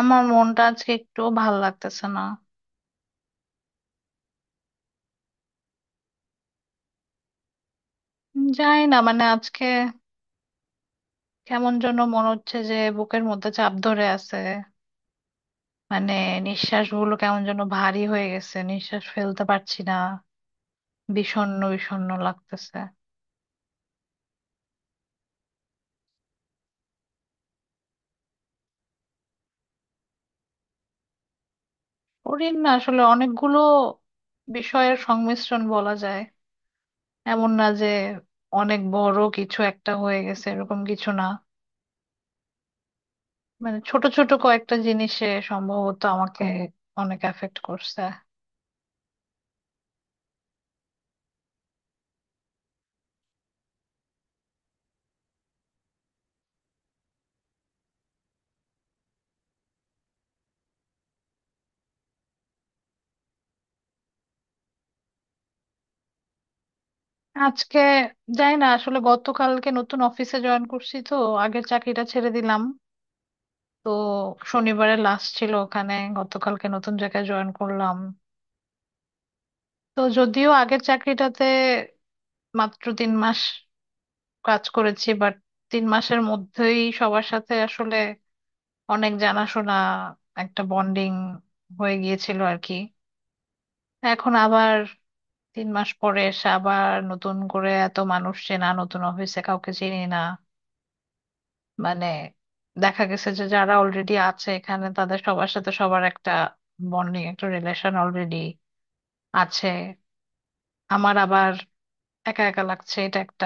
আমার মনটা আজকে একটু ভাল লাগতেছে না। জানি না, মানে আজকে কেমন যেন মনে হচ্ছে যে বুকের মধ্যে চাপ ধরে আছে। মানে নিঃশ্বাস গুলো কেমন যেন ভারী হয়ে গেছে, নিঃশ্বাস ফেলতে পারছি না। বিষণ্ণ বিষণ্ণ লাগতেছে। কঠিন না, আসলে অনেকগুলো বিষয়ের সংমিশ্রণ বলা যায়। এমন না যে অনেক বড় কিছু একটা হয়ে গেছে, এরকম কিছু না। মানে ছোট ছোট কয়েকটা জিনিসে সম্ভবত আমাকে অনেক এফেক্ট করছে। আজকে যাই না আসলে, গতকালকে নতুন অফিসে জয়েন করছি তো। আগের চাকরিটা ছেড়ে দিলাম। তো শনিবারে লাস্ট ছিল ওখানে, গতকালকে নতুন জায়গায় জয়েন করলাম। তো যদিও আগের চাকরিটাতে মাত্র 3 মাস কাজ করেছি, বাট 3 মাসের মধ্যেই সবার সাথে আসলে অনেক জানাশোনা, একটা বন্ডিং হয়ে গিয়েছিল আর কি। এখন আবার 3 মাস পরে এসে আবার নতুন করে এত মানুষ চেনা, নতুন অফিসে কাউকে চিনি না। মানে দেখা গেছে যে যারা অলরেডি আছে এখানে, তাদের সবার সাথে সবার একটা বন্ডিং একটা রিলেশন অলরেডি আছে। আমার আবার একা একা লাগছে, এটা একটা।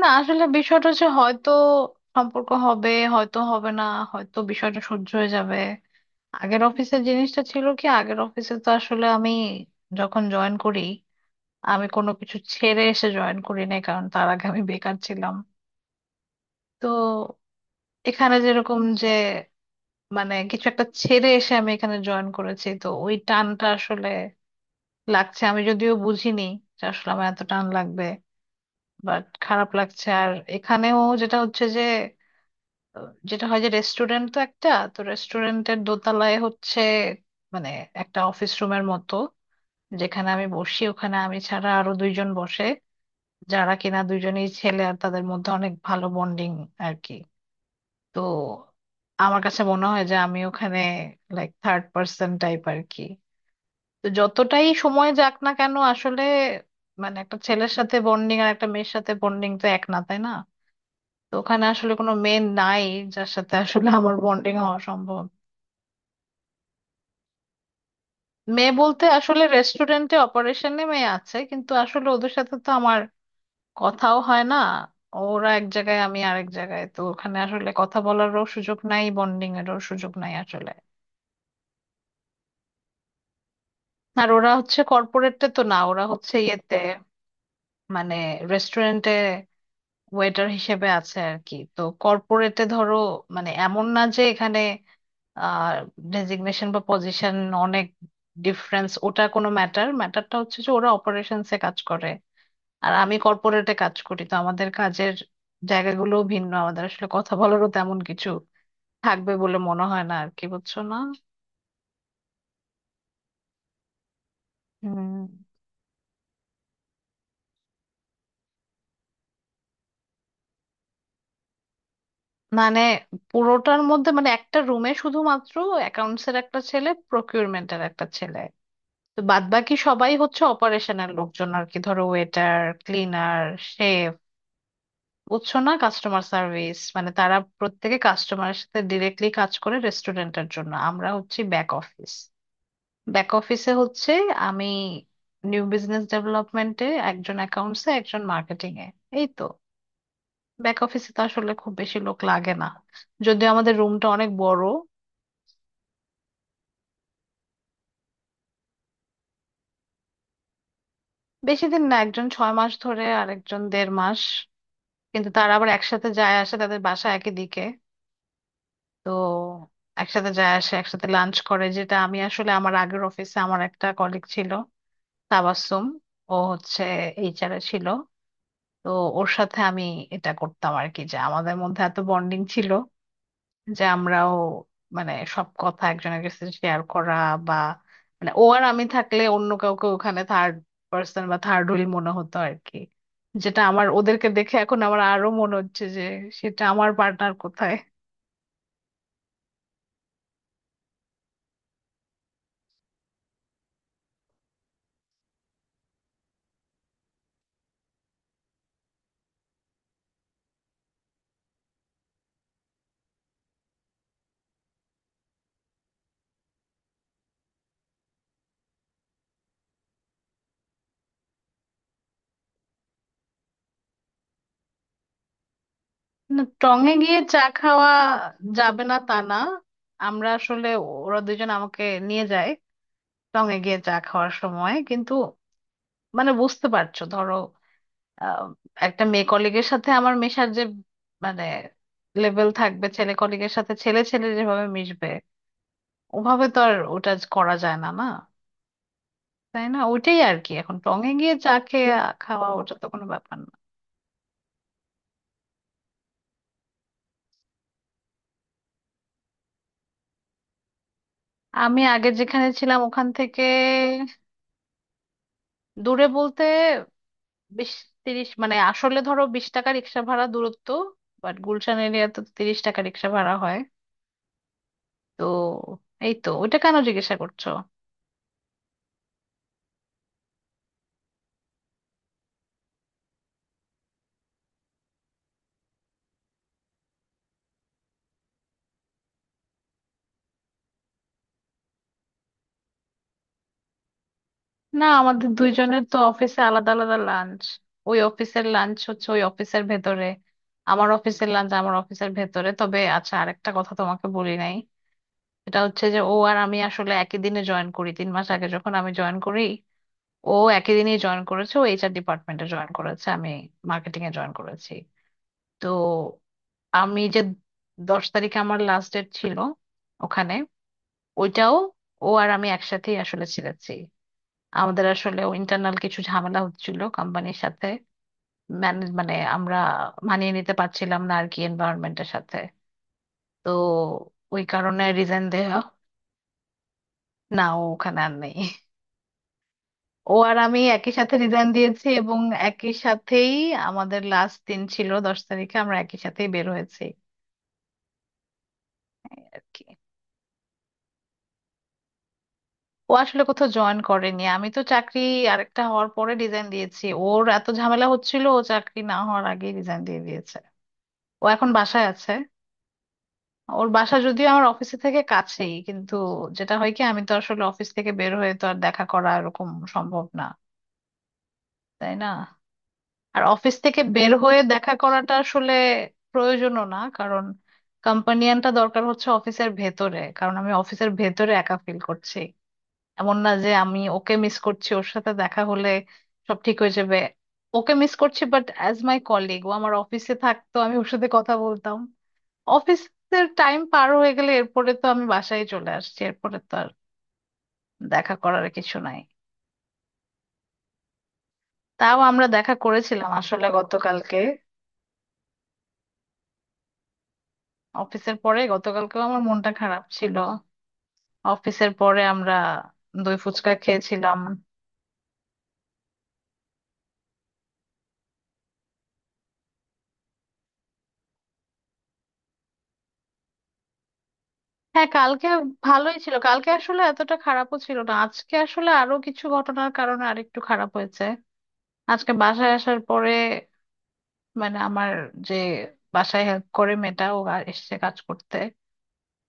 না আসলে বিষয়টা হচ্ছে, হয়তো সম্পর্ক হবে, হয়তো হবে না, হয়তো বিষয়টা সহ্য হয়ে যাবে। আগের অফিসের জিনিসটা ছিল কি, আগের অফিসে তো আসলে আমি যখন জয়েন করি, আমি কোনো কিছু ছেড়ে এসে জয়েন করি নাই, কারণ তার আগে আমি বেকার ছিলাম। তো এখানে যেরকম যে মানে কিছু একটা ছেড়ে এসে আমি এখানে জয়েন করেছি, তো ওই টানটা আসলে লাগছে। আমি যদিও বুঝিনি যে আসলে আমার এত টান লাগবে, বাট খারাপ লাগছে। আর এখানেও যেটা হচ্ছে যে যেটা হয় যে রেস্টুরেন্ট তো একটা, তো রেস্টুরেন্টের দোতলায় হচ্ছে মানে একটা অফিস রুমের মতো। যেখানে আমি বসি ওখানে আমি ছাড়া আরো দুইজন বসে, যারা কিনা দুইজনই ছেলে, আর তাদের মধ্যে অনেক ভালো বন্ডিং আর কি। তো আমার কাছে মনে হয় যে আমি ওখানে লাইক থার্ড পার্সন টাইপ আর কি। তো যতটাই সময় যাক না কেন, আসলে মানে একটা ছেলের সাথে বন্ডিং আর একটা মেয়ের সাথে বন্ডিং তো এক না, তাই না? তো ওখানে আসলে কোনো মেয়ে নাই যার সাথে আসলে আমার বন্ডিং হওয়া সম্ভব। মেয়ে বলতে আসলে রেস্টুরেন্টে অপারেশনে মেয়ে আছে, কিন্তু আসলে ওদের সাথে তো আমার কথাও হয় না। ওরা এক জায়গায়, আমি আরেক জায়গায়, তো ওখানে আসলে কথা বলারও সুযোগ নাই, বন্ডিং এরও সুযোগ নাই আসলে। আর ওরা হচ্ছে কর্পোরেটে তো না, ওরা হচ্ছে ইয়েতে, মানে রেস্টুরেন্টে ওয়েটার হিসেবে আছে আর কি। তো কর্পোরেটে ধরো, মানে এমন না যে এখানে আহ ডেজিগনেশন বা পজিশন অনেক ডিফারেন্স, ওটা কোনো ম্যাটার। ম্যাটারটা হচ্ছে যে ওরা অপারেশনসে কাজ করে, আর আমি কর্পোরেটে কাজ করি। তো আমাদের কাজের জায়গাগুলো ভিন্ন, আমাদের আসলে কথা বলারও তেমন কিছু থাকবে বলে মনে হয় না আর কি, বুঝছো না? হুম, মানে পুরোটার মধ্যে মানে একটা রুমে শুধুমাত্র অ্যাকাউন্টস এর একটা ছেলে, প্রকিউরমেন্ট এর একটা ছেলে। তো বাদ বাকি সবাই হচ্ছে অপারেশনের লোকজন আর কি, ধরো ওয়েটার, ক্লিনার, শেফ, বুঝছো না, কাস্টমার সার্ভিস। মানে তারা প্রত্যেকে কাস্টমারের সাথে ডিরেক্টলি কাজ করে রেস্টুরেন্টের জন্য, আমরা হচ্ছে ব্যাক অফিস। ব্যাক অফিসে হচ্ছে আমি নিউ বিজনেস ডেভেলপমেন্টে, একজন অ্যাকাউন্টসে, একজন মার্কেটিং এ, এই তো। ব্যাক অফিসে তো আসলে খুব বেশি লোক লাগে না, যদিও আমাদের রুমটা অনেক বড়। বেশি দিন না, একজন 6 মাস ধরে আর একজন দেড় মাস। কিন্তু তারা আবার একসাথে যায় আসে, তাদের বাসা একই দিকে। তো একসাথে যায় আসে, একসাথে লাঞ্চ করে। যেটা আমি আসলে, আমার আগের অফিসে আমার একটা কলিগ ছিল, তাবাসসুম, ও হচ্ছে এইচআর এ ছিল। তো ওর সাথে আমি এটা করতাম আর কি। যে আমাদের মধ্যে এত বন্ডিং ছিল যে আমরাও মানে সব কথা একজনের কাছে শেয়ার করা, বা মানে ও আর আমি থাকলে অন্য কাউকে ওখানে থার্ড পার্সন বা থার্ড হুইল মনে হতো আর কি। যেটা আমার ওদেরকে দেখে এখন আমার আরো মনে হচ্ছে যে সেটা, আমার পার্টনার কোথায়? না টঙে গিয়ে চা খাওয়া যাবে না তা না, আমরা আসলে, ওরা দুজন আমাকে নিয়ে যায় টঙে গিয়ে চা খাওয়ার সময়, কিন্তু মানে বুঝতে পারছো ধরো, আহ, একটা মেয়ে কলিগের সাথে আমার মেশার যে মানে লেভেল থাকবে, ছেলে কলিগের সাথে ছেলে ছেলে যেভাবে মিশবে ওভাবে তো আর ওটা আজ করা যায় না, না? তাই না, ওইটাই আর কি। এখন টঙে গিয়ে চা খেয়ে খাওয়া ওটা তো কোনো ব্যাপার না। আমি আগে যেখানে ছিলাম ওখান থেকে দূরে বলতে বিশ তিরিশ, মানে আসলে ধরো 20 টাকা রিক্সা ভাড়া দূরত্ব, বাট গুলশান এরিয়াতে তো 30 টাকা রিক্সা ভাড়া হয়। তো এই তো, ওইটা কেন জিজ্ঞাসা করছো? না আমাদের দুইজনের তো অফিসে আলাদা আলাদা লাঞ্চ, ওই অফিসের লাঞ্চ হচ্ছে ওই অফিসের ভেতরে, আমার অফিসের লাঞ্চ আমার অফিসের ভেতরে। তবে আচ্ছা, আরেকটা কথা তোমাকে বলি নাই, এটা হচ্ছে যে ও আর আমি আসলে একই দিনে জয়েন করি। তিন মাস আগে যখন আমি জয়েন করি, ও একই দিনে জয়েন করেছে। ও এইচআর ডিপার্টমেন্টে জয়েন করেছে, আমি মার্কেটিং এ জয়েন করেছি। তো আমি যে 10 তারিখে আমার লাস্ট ডেট ছিল ওখানে, ওইটাও ও আর আমি একসাথেই আসলে ছিলেছি। আমাদের আসলে ইন্টারনাল কিছু ঝামেলা হচ্ছিল কোম্পানির সাথে, ম্যানেজ মানে আমরা মানিয়ে নিতে পারছিলাম না আর কি এনভায়রনমেন্টের সাথে। তো ওই কারণে রিজাইন দেওয়া। না ও ওখানে আর নেই, ও আর আমি একই সাথে রিজাইন দিয়েছি, এবং একই সাথেই আমাদের লাস্ট দিন ছিল 10 তারিখে, আমরা একই সাথেই বের হয়েছি, এই আর কি। ও আসলে কোথাও জয়েন করেনি, আমি তো চাকরি আরেকটা হওয়ার পরে রিজাইন দিয়েছি। ওর এত ঝামেলা হচ্ছিল, ও চাকরি না হওয়ার আগেই রিজাইন দিয়ে দিয়েছে, ও এখন বাসায় আছে। ওর বাসা যদিও আমার অফিসে থেকে কাছেই, কিন্তু যেটা হয় কি আমি তো আসলে অফিস থেকে বের হয়ে তো আর দেখা করা এরকম সম্ভব না, তাই না? আর অফিস থেকে বের হয়ে দেখা করাটা আসলে প্রয়োজনও না, কারণ কম্পানিয়ানটা দরকার হচ্ছে অফিসের ভেতরে, কারণ আমি অফিসের ভেতরে একা ফিল করছি। এমন না যে আমি ওকে মিস করছি, ওর সাথে দেখা হলে সব ঠিক হয়ে যাবে, ওকে মিস করছি বাট অ্যাজ মাই কলিগ ও আমার অফিসে থাকতো, আমি ওর সাথে কথা বলতাম। অফিসের টাইম পার হয়ে গেলে এরপরে তো আমি বাসায় চলে আসছি, এরপরে তো আর দেখা করার কিছু নাই। তাও আমরা দেখা করেছিলাম আসলে গতকালকে, অফিসের পরে। গতকালকেও আমার মনটা খারাপ ছিল, অফিসের পরে আমরা দই ফুচকা খেয়েছিলাম। হ্যাঁ, কালকে ভালোই ছিল, কালকে আসলে এতটা খারাপও ছিল না। আজকে আসলে আরো কিছু ঘটনার কারণে আরেকটু খারাপ হয়েছে। আজকে বাসায় আসার পরে, মানে আমার যে বাসায় হেল্প করে মেয়েটা ও আর এসেছে কাজ করতে,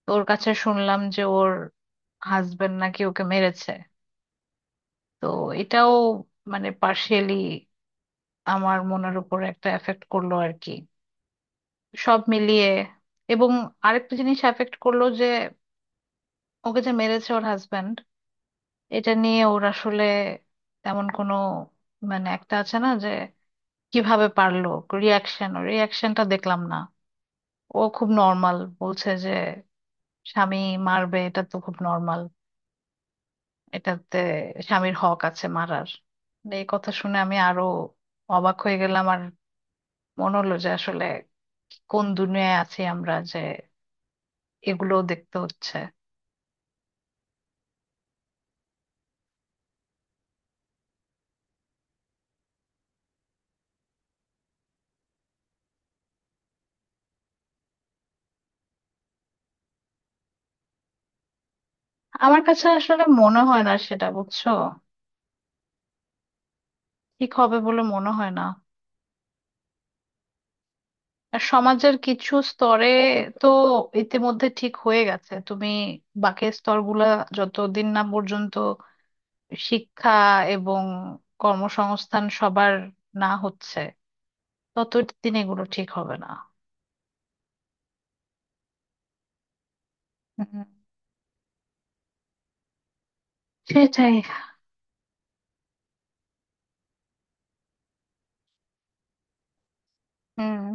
তোর কাছে শুনলাম যে ওর হাজবেন্ড নাকি ওকে মেরেছে। তো এটাও মানে পার্শিয়ালি আমার মনের উপর একটা এফেক্ট করলো আর কি, সব মিলিয়ে। এবং আরেকটা জিনিস এফেক্ট করলো, যে ওকে যে মেরেছে ওর হাজবেন্ড, এটা নিয়ে ওর আসলে তেমন কোনো, মানে একটা আছে না যে কিভাবে পারলো, রিয়াকশন, ওর রিয়াকশনটা দেখলাম না। ও খুব নর্মাল বলছে যে স্বামী মারবে এটা তো খুব নর্মাল, এটাতে স্বামীর হক আছে মারার। এই কথা শুনে আমি আরো অবাক হয়ে গেলাম, আর মনে হলো যে আসলে কোন দুনিয়ায় আছি আমরা যে এগুলো দেখতে হচ্ছে। আমার কাছে আসলে মনে হয় না সেটা, বুঝছো? ঠিক হবে বলে মনে হয় না। আর সমাজের কিছু স্তরে তো ইতিমধ্যে ঠিক হয়ে গেছে তুমি, বাকি স্তরগুলা যতদিন না পর্যন্ত শিক্ষা এবং কর্মসংস্থান সবার না হচ্ছে, ততদিন এগুলো ঠিক হবে না। হুম, সেটাই। হুম।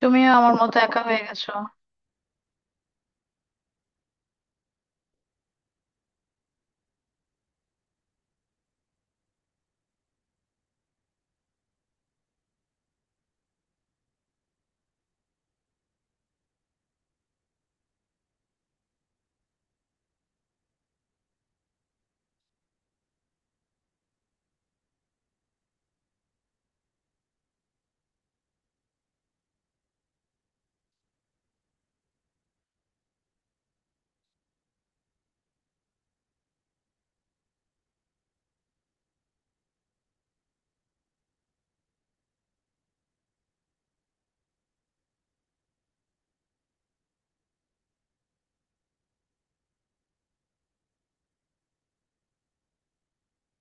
তুমিও আমার মতো একা হয়ে গেছো।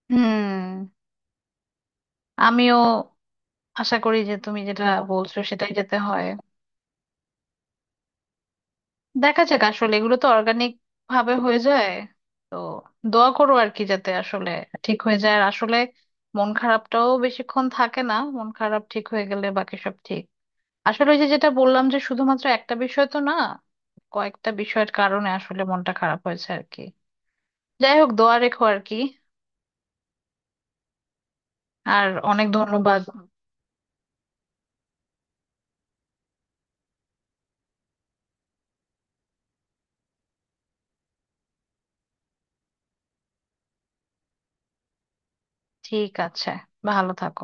হুম। আমিও আশা করি যে তুমি যেটা বলছো সেটাই যেতে হয়। দেখা যাক আসলে, এগুলো তো অর্গানিক ভাবে হয়ে যায়। তো দোয়া করো আর কি, যাতে আসলে ঠিক হয়ে যায়। আর আসলে মন খারাপটাও বেশিক্ষণ থাকে না, মন খারাপ ঠিক হয়ে গেলে বাকি সব ঠিক। আসলে ওই যে যেটা বললাম যে শুধুমাত্র একটা বিষয় তো না, কয়েকটা বিষয়ের কারণে আসলে মনটা খারাপ হয়েছে আর কি। যাই হোক দোয়া রেখো আর কি, আর অনেক ধন্যবাদ। ঠিক আছে, ভালো থাকো।